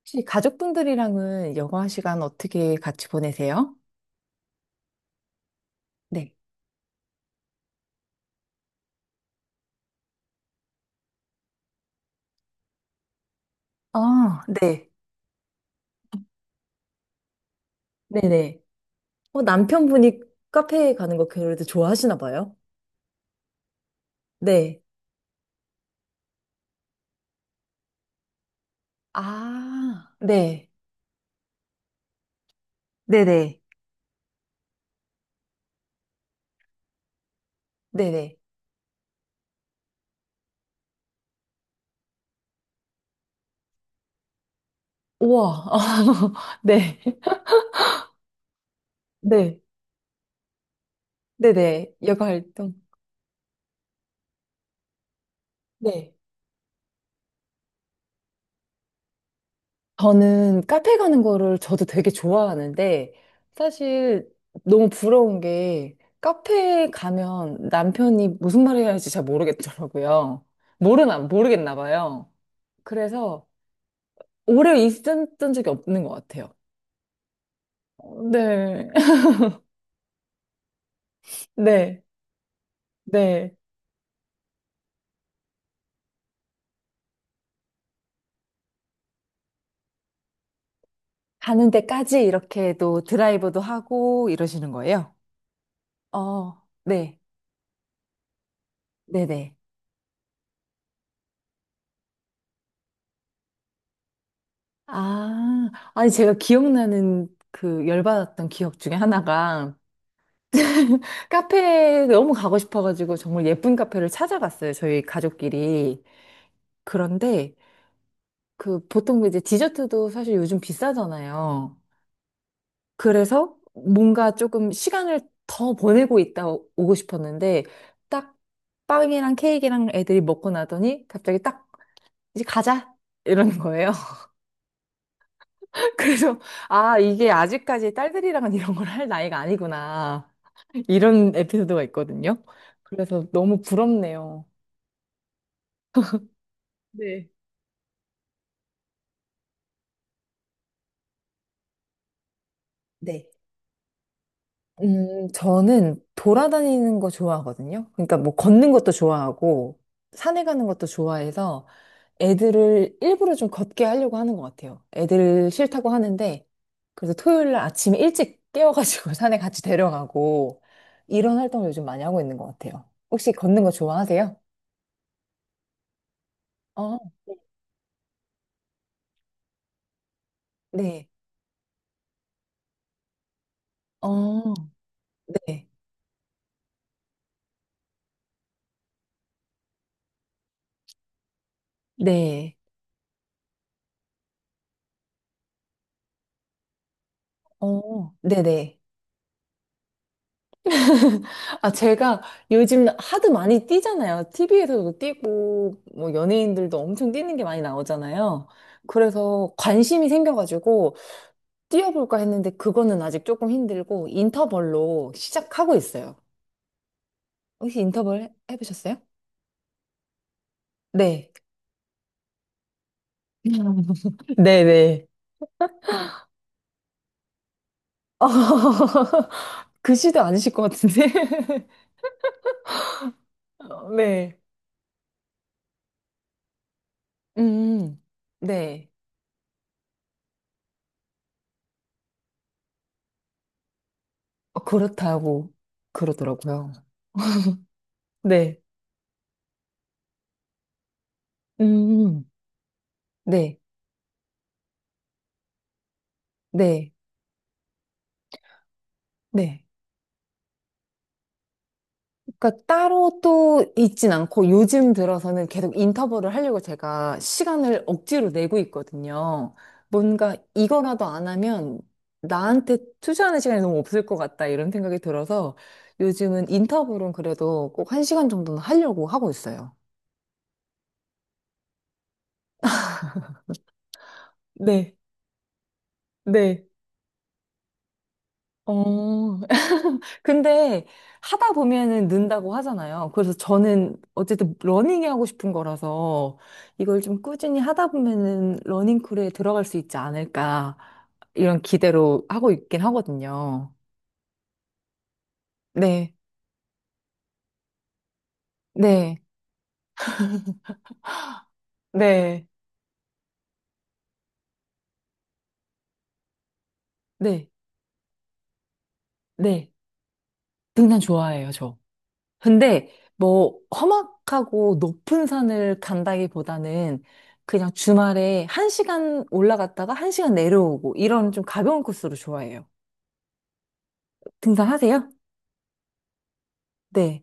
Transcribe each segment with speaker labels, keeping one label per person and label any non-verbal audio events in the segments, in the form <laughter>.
Speaker 1: 혹시 가족분들이랑은 여가 시간 어떻게 같이 보내세요? 네. 아, 네. 네네. 어, 남편분이 카페에 가는 거 그래도 좋아하시나 봐요? 네. 아, 네. 네네. 네네. 우와. <laughs> 네. 네. 네네. 여가 활동. 네. 저는 카페 가는 거를 저도 되게 좋아하는데, 사실 너무 부러운 게, 카페 가면 남편이 무슨 말을 해야 할지 잘 모르겠더라고요. 모르나, 모르겠나 봐요. 그래서 오래 있었던 적이 없는 것 같아요. 네. <laughs> 네. 네. 가는 데까지 이렇게 또 드라이브도 하고 이러시는 거예요? 어, 네. 네네. 아, 아니, 제가 기억나는 그 열받았던 기억 중에 하나가, <laughs> 카페 너무 가고 싶어가지고 정말 예쁜 카페를 찾아갔어요. 저희 가족끼리. 그런데 그 보통 이제 디저트도 사실 요즘 비싸잖아요. 그래서 뭔가 조금 시간을 더 보내고 있다 오고 싶었는데 딱 빵이랑 케이크랑 애들이 먹고 나더니 갑자기 딱 이제 가자 이러는 거예요. <laughs> 그래서 아 이게 아직까지 딸들이랑은 이런 걸 할 나이가 아니구나 이런 에피소드가 있거든요. 그래서 너무 부럽네요. 네. 네. 저는 돌아다니는 거 좋아하거든요. 그러니까 뭐 걷는 것도 좋아하고, 산에 가는 것도 좋아해서 애들을 일부러 좀 걷게 하려고 하는 것 같아요. 애들 싫다고 하는데, 그래서 토요일 날 아침에 일찍 깨워가지고 <laughs> 산에 같이 데려가고, 이런 활동을 요즘 많이 하고 있는 것 같아요. 혹시 걷는 거 좋아하세요? 어, 네. 어, 네. 네. 어, 네네. 아, 제가 요즘 하드 많이 뛰잖아요. TV에서도 뛰고, 뭐, 연예인들도 엄청 뛰는 게 많이 나오잖아요. 그래서 관심이 생겨가지고, 뛰어볼까 했는데, 그거는 아직 조금 힘들고, 인터벌로 시작하고 있어요. 혹시 해보셨어요? 네. <laughs> 네네. <laughs> 그 시도 아니실 것 같은데. <laughs> 어, 네. 음, 네. 어, 그렇다고 그러더라고요. 네. 음, 네. 네. 네. 그러니까 따로 또 있진 않고 요즘 들어서는 계속 인터벌을 하려고 제가 시간을 억지로 내고 있거든요. 뭔가 이거라도 안 하면 나한테 투자하는 시간이 너무 없을 것 같다 이런 생각이 들어서 요즘은 인터벌은 그래도 꼭 한 시간 정도는 하려고 하고 있어요. 네, 네. 어, 근데 하다 보면은 는다고 하잖아요. 그래서 저는 어쨌든 러닝이 하고 싶은 거라서 이걸 좀 꾸준히 하다 보면은 러닝크루에 들어갈 수 있지 않을까 이런 기대로 하고 있긴 하거든요. 네, 네, 네, 네, 네. 등산 좋아해요, 저. 근데 뭐 험악하고 높은 산을 간다기보다는 그냥 주말에 한시간 올라갔다가 한시간 내려오고 이런 좀 가벼운 코스로 좋아해요. 등산하세요? 네.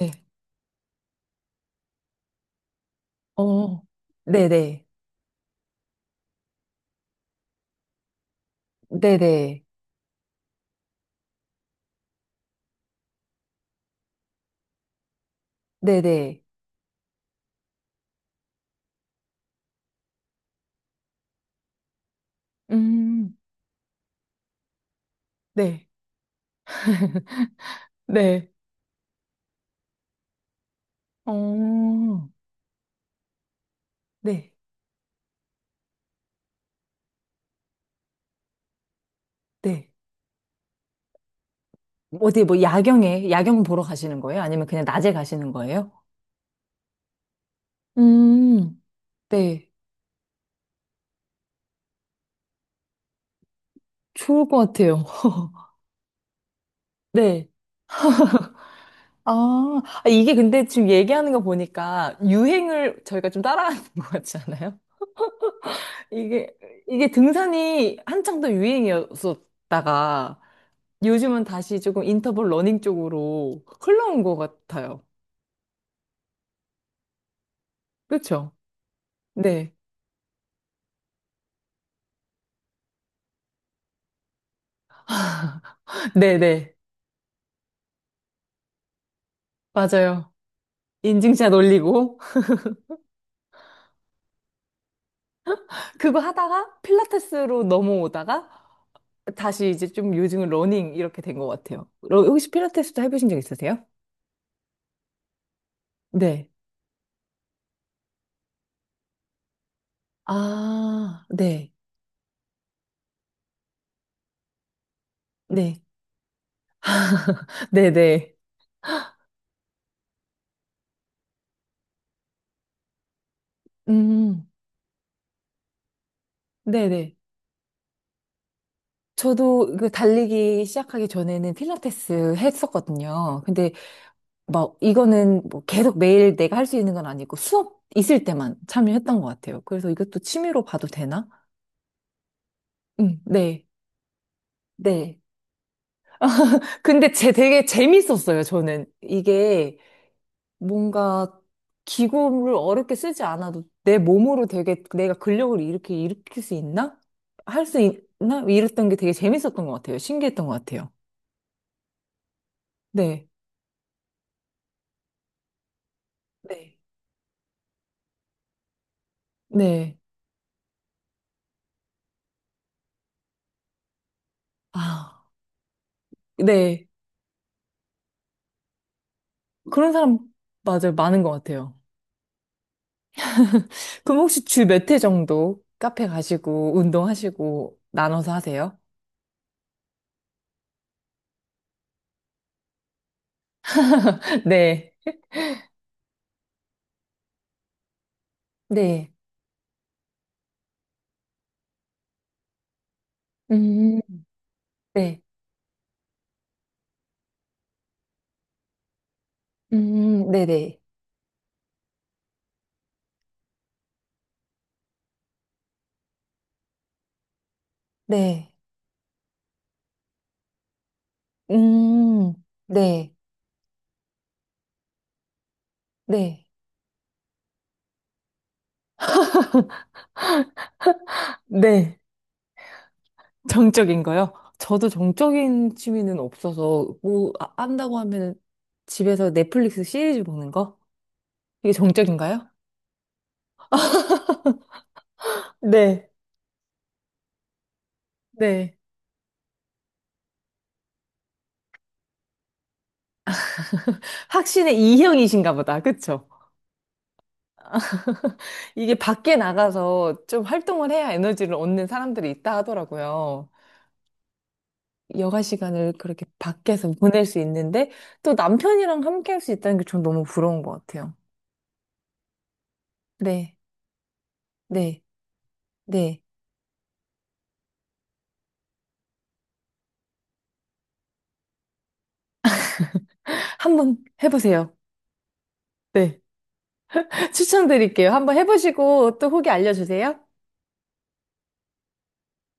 Speaker 1: 네. 어, 네네. 네네. 네네. 음, 네. <laughs> 네. 어, 네. 네. 어디 뭐 야경에, 야경 보러 가시는 거예요? 아니면 그냥 낮에 가시는 거예요? 음, 네. 좋을 것 같아요. 네. 아, 아, 이게 근데 지금 얘기하는 거 보니까 유행을 저희가 좀 따라하는 <laughs> 것 같지 않아요? 이게, 이게 등산이 한창 더 유행이었었다가 요즘은 다시 조금 인터벌 러닝 쪽으로 흘러온 것 같아요. 그렇죠? 네. <laughs> 네네. 맞아요. 인증샷 올리고, <laughs> 그거 하다가 필라테스로 넘어오다가 다시 이제 좀 요즘은 러닝 이렇게 된 것 같아요. 혹시 필라테스도 해보신 적 있으세요? 네. 아, 네. 네. 네네. 음, 네네. 저도 그 달리기 시작하기 전에는 필라테스 했었거든요. 근데 막 이거는 뭐 계속 매일 내가 할 수 있는 건 아니고 수업 있을 때만 참여했던 것 같아요. 그래서 이것도 취미로 봐도 되나? 응, 네, 네. 근데 제 되게 재밌었어요, 저는. 이게 뭔가 기구를 어렵게 쓰지 않아도 내 몸으로 되게 내가 근력을 이렇게 일으킬 수 있나? 할 수 있나? 이랬던 게 되게 재밌었던 것 같아요. 신기했던 것 같아요. 네, 네, 네. 아, 네. 그런 사람 맞아요. 많은 것 같아요. 그럼 혹시 주 몇 회 정도 카페 가시고 운동하시고 나눠서 하세요? <laughs> 네. 네. 음, 네. 네네. 네. 음, 네. 네. 네. 정적인 거요? 저도 정적인 취미는 없어서 뭐 한다고 하면 집에서 넷플릭스 시리즈 보는 거? 이게 정적인가요? 네. 네. 확신의 이형이신가 보다. 그쵸? 이게 밖에 나가서 좀 활동을 해야 에너지를 얻는 사람들이 있다 하더라고요. 여가 시간을 그렇게 밖에서 보낼 수 있는데 또 남편이랑 함께 할 수 있다는 게 전 너무 부러운 것 같아요. 네, 네, 네. 한번 해보세요. 네. <laughs> 추천드릴게요. 한번 해보시고 또 후기 알려주세요.